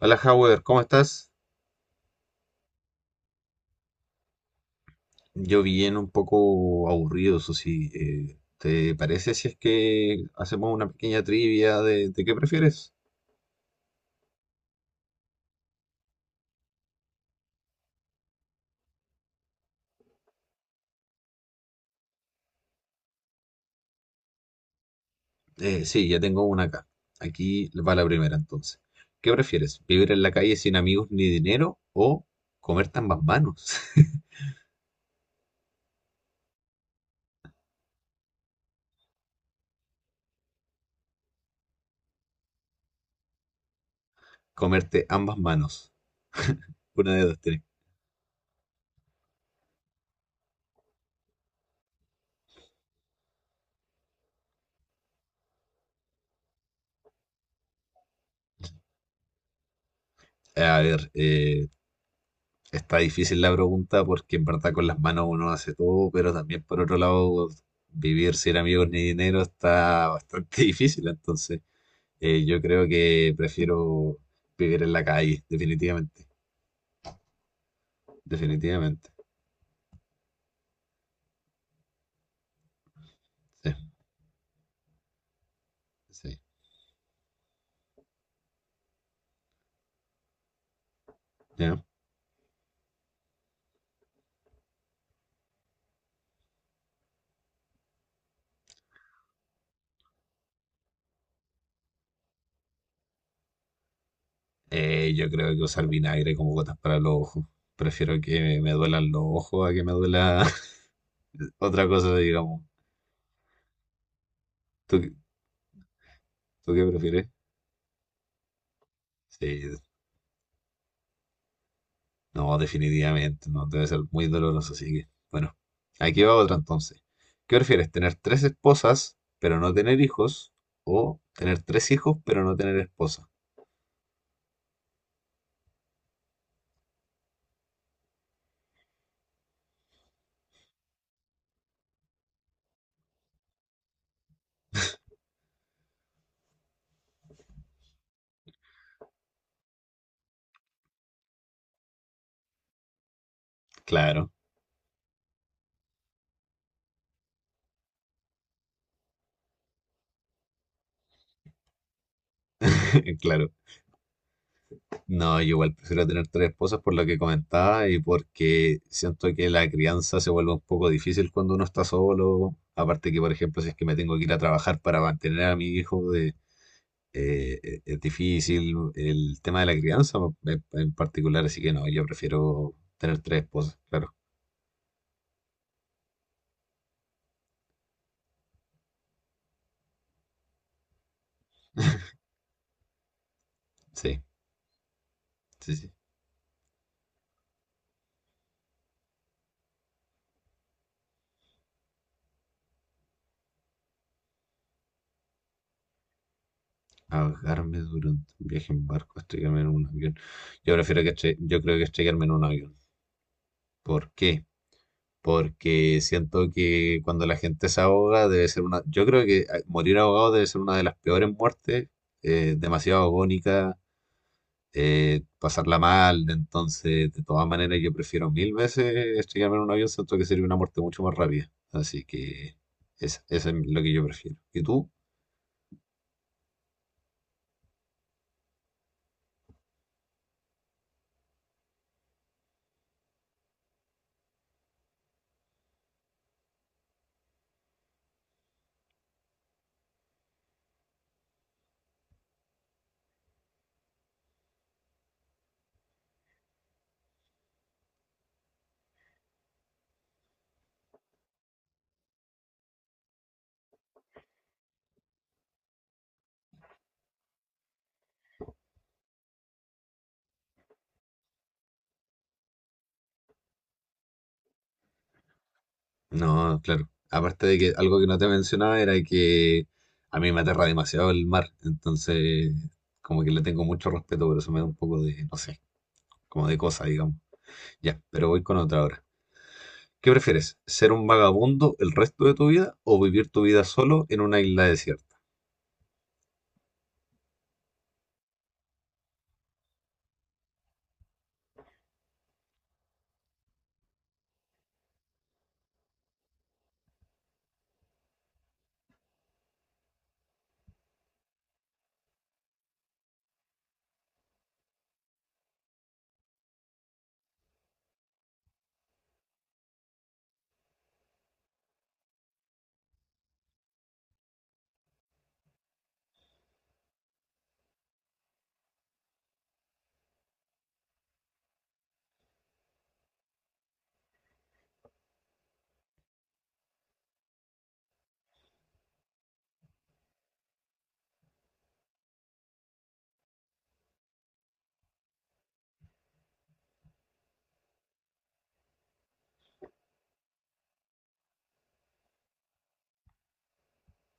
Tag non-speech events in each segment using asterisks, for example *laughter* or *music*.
Hola, Howard, ¿cómo estás? Yo bien un poco aburrido, eso sí. ¿Te parece si es que hacemos una pequeña trivia de, qué prefieres? Sí, ya tengo una acá. Aquí va la primera entonces. ¿Qué prefieres? ¿Vivir en la calle sin amigos ni dinero o comerte ambas manos? *laughs* Comerte ambas manos. Una de dos, tres. A ver, está difícil la pregunta porque en verdad con las manos uno hace todo, pero también por otro lado vivir sin amigos ni dinero está bastante *laughs* difícil. Entonces, yo creo que prefiero vivir en la calle, definitivamente. Definitivamente. Sí, sí. ¿Ya? Yo creo que usar vinagre como gotas para los ojos. Prefiero que me duelan los ojos a que me duela *laughs* otra cosa, digamos. ¿Tú, tú qué prefieres? Sí, no, definitivamente, no, debe ser muy doloroso, así que, bueno, aquí va otra entonces. ¿Qué prefieres, tener tres esposas, pero no tener hijos? ¿O tener tres hijos, pero no tener esposa? Claro, *laughs* claro. No, yo igual prefiero tener tres esposas por lo que comentaba y porque siento que la crianza se vuelve un poco difícil cuando uno está solo. Aparte que, por ejemplo, si es que me tengo que ir a trabajar para mantener a mi hijo, de, es difícil el tema de la crianza pues, en particular, así que no, yo prefiero tener tres esposas, claro. Sí, sí, sí. Ahogarme durante un viaje en barco, estrellarme en un avión. Yo prefiero que yo creo que estrellarme en un avión. ¿Por qué? Porque siento que cuando la gente se ahoga debe ser una... Yo creo que ah, morir ahogado debe ser una de las peores muertes, demasiado agónica, pasarla mal. Entonces, de todas maneras, yo prefiero mil veces estrellarme en un avión, siento que sería una muerte mucho más rápida. Así que eso es lo que yo prefiero. ¿Y tú? No, claro. Aparte de que algo que no te mencionaba era que a mí me aterra demasiado el mar. Entonces, como que le tengo mucho respeto, pero eso me da un poco de, no sé, como de cosa, digamos. Ya, pero voy con otra ahora. ¿Qué prefieres? ¿Ser un vagabundo el resto de tu vida o vivir tu vida solo en una isla desierta?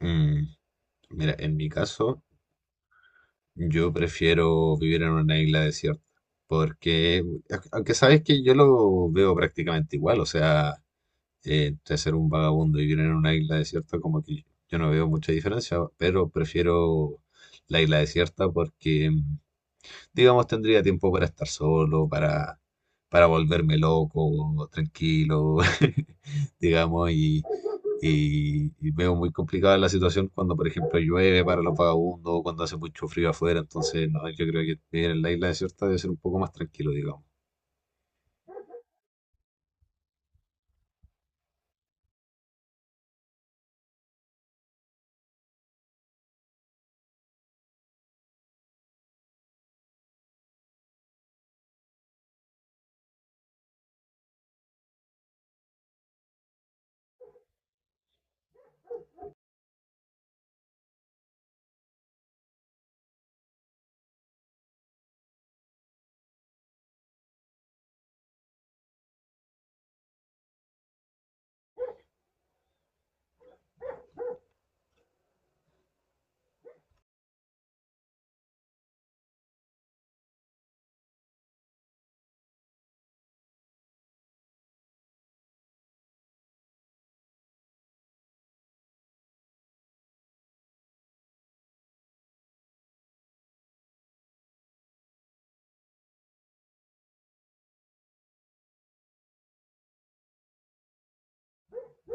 Mm. Mira, en mi caso, yo prefiero vivir en una isla desierta, porque, aunque sabes que yo lo veo prácticamente igual, o sea, entre ser un vagabundo y vivir en una isla desierta, como que yo no veo mucha diferencia, pero prefiero la isla desierta porque, digamos, tendría tiempo para estar solo, para volverme loco, tranquilo, *laughs* digamos, y veo muy complicada la situación cuando, por ejemplo, llueve para los vagabundos, cuando hace mucho frío afuera, entonces, no, yo creo que vivir en la isla desierta debe ser un poco más tranquilo, digamos.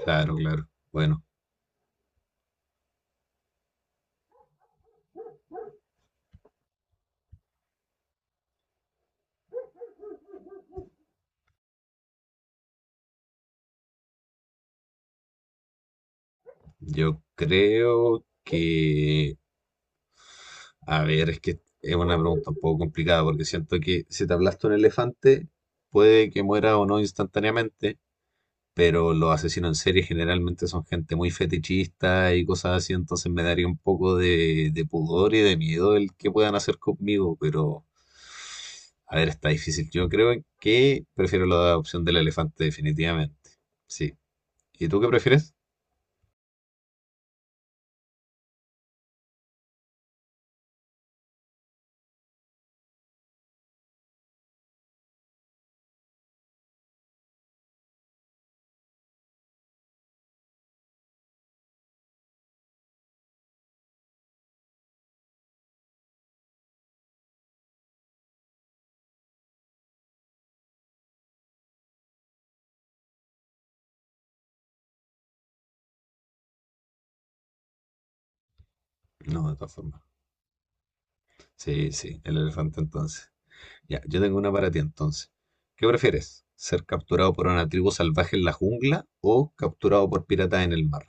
Claro, claro. Bueno, yo creo que a ver, es que es una pregunta un poco complicada porque siento que si te aplasta un elefante, puede que muera o no instantáneamente, pero los asesinos en serie generalmente son gente muy fetichista y cosas así, entonces me daría un poco de pudor y de miedo el que puedan hacer conmigo, pero a ver, está difícil. Yo creo que prefiero la opción del elefante definitivamente. Sí. ¿Y tú qué prefieres? No, de todas formas. Sí, sí, el elefante entonces. Ya, yo tengo una para ti entonces. ¿Qué prefieres? ¿Ser capturado por una tribu salvaje en la jungla o capturado por piratas en el mar?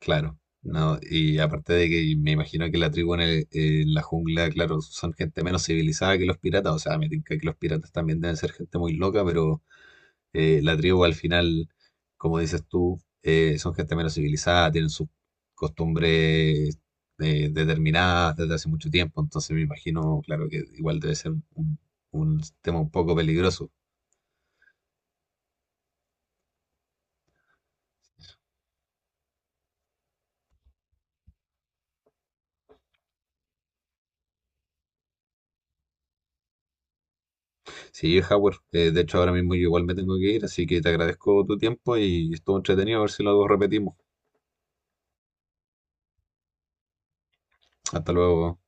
Claro, no, y aparte de que me imagino que la tribu en, en la jungla, claro, son gente menos civilizada que los piratas, o sea, me tinca que los piratas también deben ser gente muy loca, pero la tribu al final, como dices tú, son gente menos civilizada, tienen sus costumbres, determinadas desde hace mucho tiempo, entonces me imagino, claro que igual debe ser un tema un poco peligroso. Sí, Howard, de hecho ahora mismo yo igual me tengo que ir, así que te agradezco tu tiempo y estuvo entretenido, a ver si luego repetimos. Hasta luego.